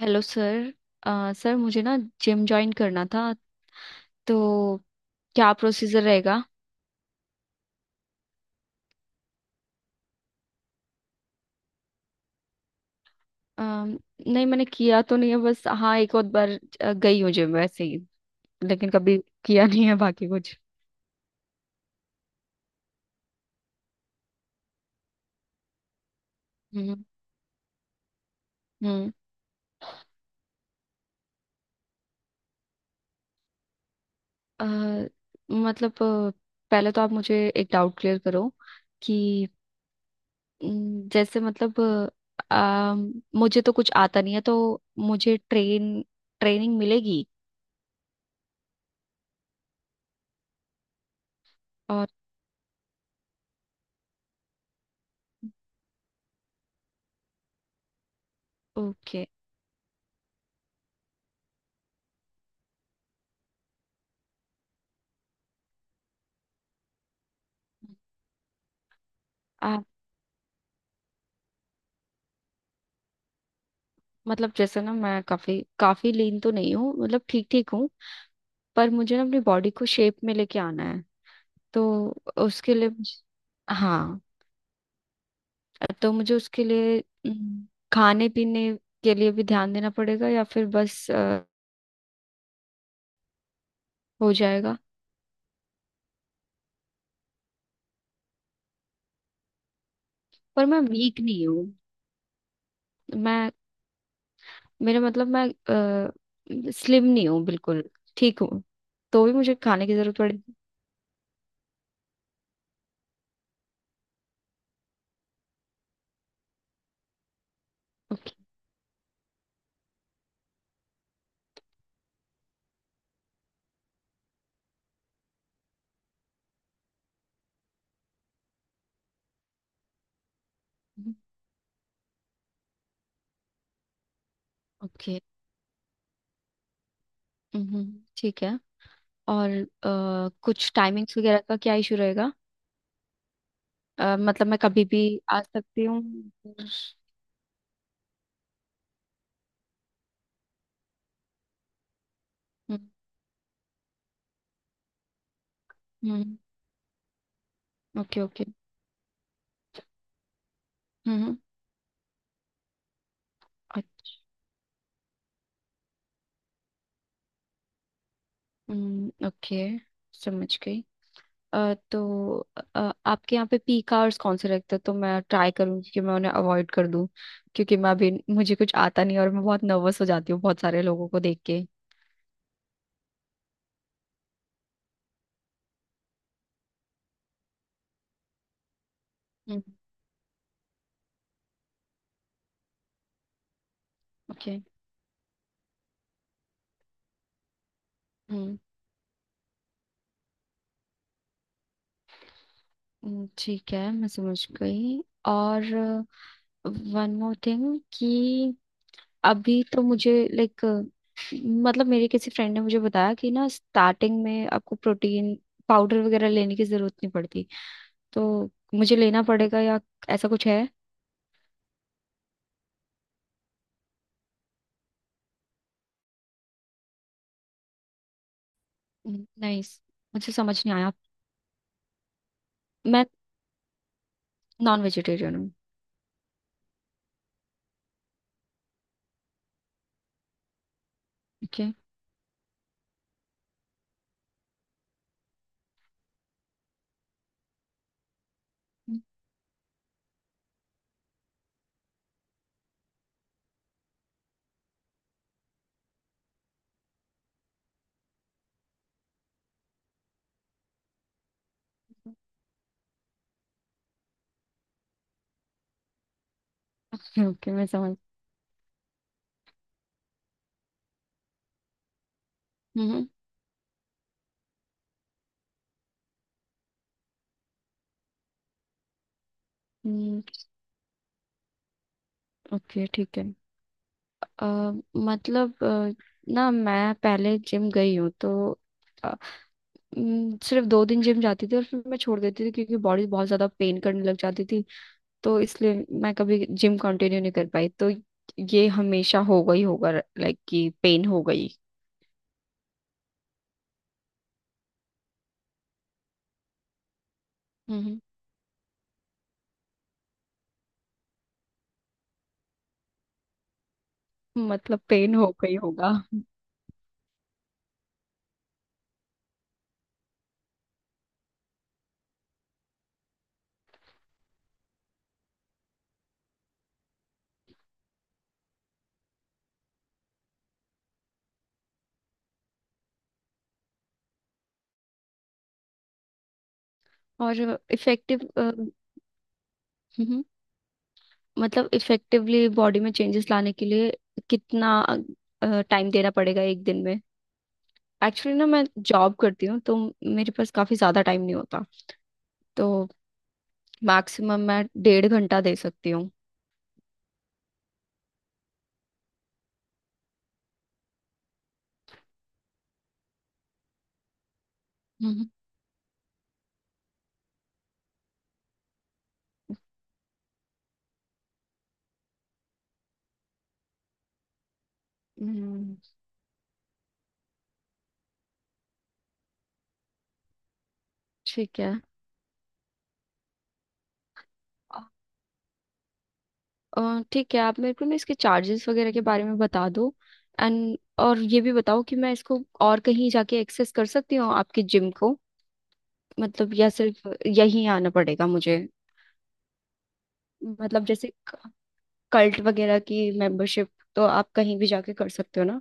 Hello sir. Sir मुझे ना gym join करना था, तो क्या प्रोसीजर रहेगा? अम, नहीं, मैंने किया तो नहीं है, बस हाँ, एक और बार गई हूँ जिम वैसे ही। लेकिन कभी किया नहीं है बाकी कुछ। हम्म। हम्म। अ, मतलब पहले तो आप मुझे एक डाउट क्लियर करो कि न, जैसे मतलब अम, मुझे तो कुछ आता नहीं है, तो मुझे ट्रेनिंग मिलेगी? और ओके। मतलब जैसे ना, मैं काफी काफी लीन तो नहीं हूँ, मतलब ठीक ठीक हूँ। पर मुझे ना अपनी बॉडी को शेप में लेके आना है, तो उसके लिए हाँ, तो मुझे उसके लिए हम्म, खाने पीने के लिए भी ध्यान देना पड़ेगा, या फिर बस हो जाएगा? पर मैं वीक नहीं हूँ। मैं मेरा मतलब, मैं स्लिम नहीं हूँ बिल्कुल, ठीक हूँ। तो भी मुझे खाने की जरूरत पड़ेगी? ओके। ओके। ठीक है। और कुछ टाइमिंग्स वगैरह का क्या इशू रहेगा? मतलब मैं कभी भी आ सकती हूँ। हम्म। हम्म, ओके। ओके। हम्म। हम्म। ओके। समझ गई। तो आपके यहाँ पे पीक आवर्स कौन से रहते हैं, तो मैं ट्राई करूंगी कि मैं उन्हें अवॉइड कर दूं। क्योंकि मैं अभी, मुझे कुछ आता नहीं, और मैं बहुत नर्वस हो जाती हूँ बहुत सारे लोगों को देख के। हम्म। ओके। हम्म। ठीक है, मैं समझ गई। और वन मोर थिंग कि अभी तो मुझे लाइक, मतलब मेरे किसी फ्रेंड ने मुझे बताया कि ना स्टार्टिंग में आपको प्रोटीन पाउडर वगैरह लेने की जरूरत नहीं पड़ती। तो मुझे लेना पड़ेगा, या ऐसा कुछ है? नहीं, मुझे समझ नहीं आया। मैं नॉन वेजिटेरियन हूँ। ओके। ओके। मैं समझ हम्म। ओके। ठीक है। अ, मतलब ना मैं पहले जिम गई हूँ, तो अ, सिर्फ 2 दिन जिम जाती थी और फिर मैं छोड़ देती थी, क्योंकि बॉडी बहुत ज्यादा पेन करने लग जाती थी। तो इसलिए मैं कभी जिम कंटिन्यू नहीं कर पाई। तो ये हमेशा होगा ही होगा, लाइक कि पेन हो गई? हम्म। मतलब पेन हो गई होगा। और इफेक्टिव मतलब इफेक्टिवली बॉडी में चेंजेस लाने के लिए कितना टाइम देना पड़ेगा एक दिन में? एक्चुअली ना, मैं जॉब करती हूँ, तो मेरे पास काफी ज्यादा टाइम नहीं होता। तो मैक्सिमम मैं 1.5 घंटा दे सकती हूँ। हम्म। हम्म, ठीक है। अ, ठीक है, आप मेरे को ना इसके चार्जेस वगैरह के बारे में बता दो। एंड और ये भी बताओ कि मैं इसको और कहीं जाके एक्सेस कर सकती हूँ आपके जिम को? मतलब या सिर्फ यहीं आना पड़ेगा मुझे? मतलब जैसे कल्ट वगैरह की मेंबरशिप, तो आप कहीं भी जाके कर सकते हो ना।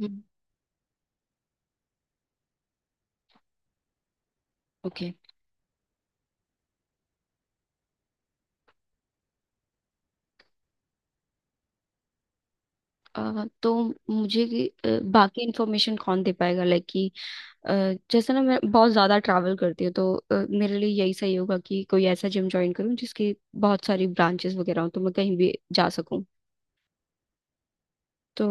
हम्म, ओके। तो मुझे बाकी इन्फॉर्मेशन कौन दे पाएगा? लाइक कि अ, जैसे ना, मैं बहुत ज़्यादा ट्रैवल करती हूँ, तो मेरे लिए यही सही होगा कि कोई ऐसा जिम ज्वाइन करूँ जिसकी बहुत सारी ब्रांचेस वगैरह हो, तो मैं कहीं भी जा सकूँ। तो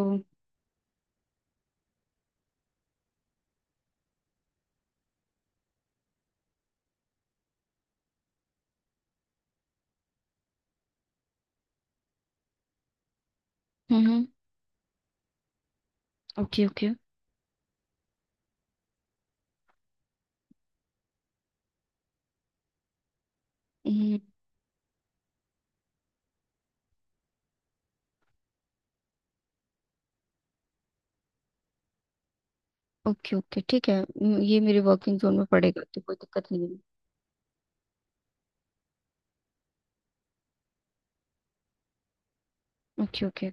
हम्म। ओके। ओके। हम्म, ओके। ओके, ठीक है। ये मेरे वर्किंग जोन में पड़ेगा, तो कोई दिक्कत नहीं है। ओके। ओके।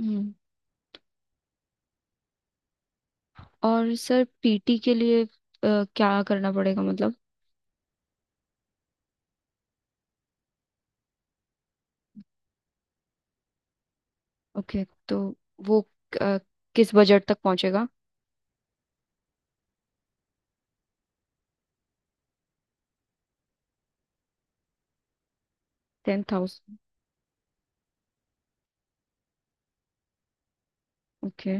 हम्म। और सर, पीटी के लिए क्या करना पड़ेगा, मतलब? ओके, तो वो अ, किस बजट तक पहुंचेगा? 10,000। ओके।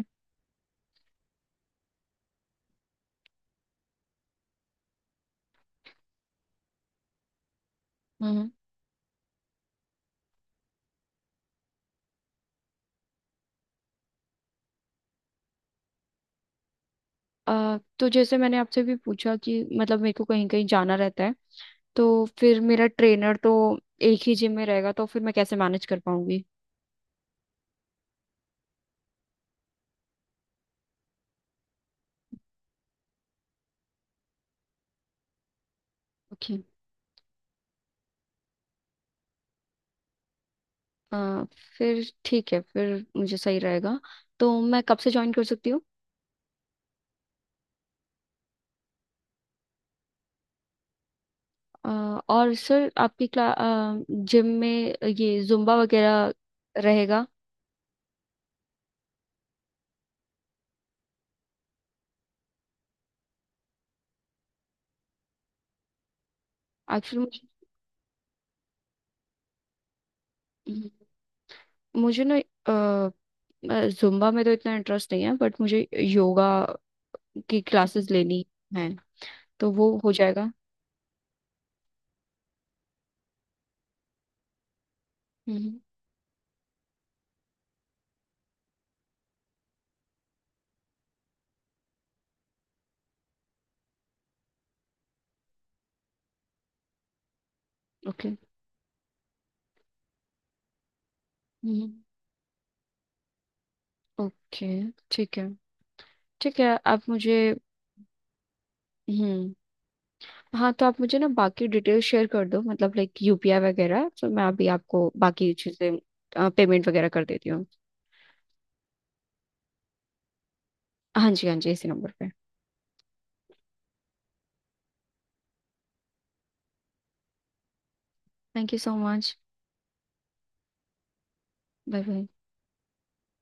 तो जैसे मैंने आपसे भी पूछा कि मतलब मेरे को कहीं कहीं जाना रहता है, तो फिर मेरा ट्रेनर तो एक ही जिम में रहेगा, तो फिर मैं कैसे मैनेज कर पाऊंगी? ओके। अ, फिर ठीक है, फिर मुझे सही रहेगा। तो मैं कब से ज्वाइन कर सकती हूँ? अ, और सर, आपकी क्ला जिम में ये जुम्बा वगैरह रहेगा? एक्चुअली मुझे मुझे ना जुम्बा में तो इतना इंटरेस्ट नहीं है, बट मुझे योगा की क्लासेस लेनी है। तो वो हो जाएगा? ओके। हम्म। ओके, ठीक है। ठीक है, आप मुझे... हम्म। हाँ, तो आप मुझे ना बाकी डिटेल शेयर कर दो, मतलब लाइक यूपीआई वगैरह, तो मैं अभी आपको बाकी चीज़ें पेमेंट वगैरह कर देती हूँ। हाँ जी, हाँ जी, इसी नंबर पे। Thank you so much. Bye, bye.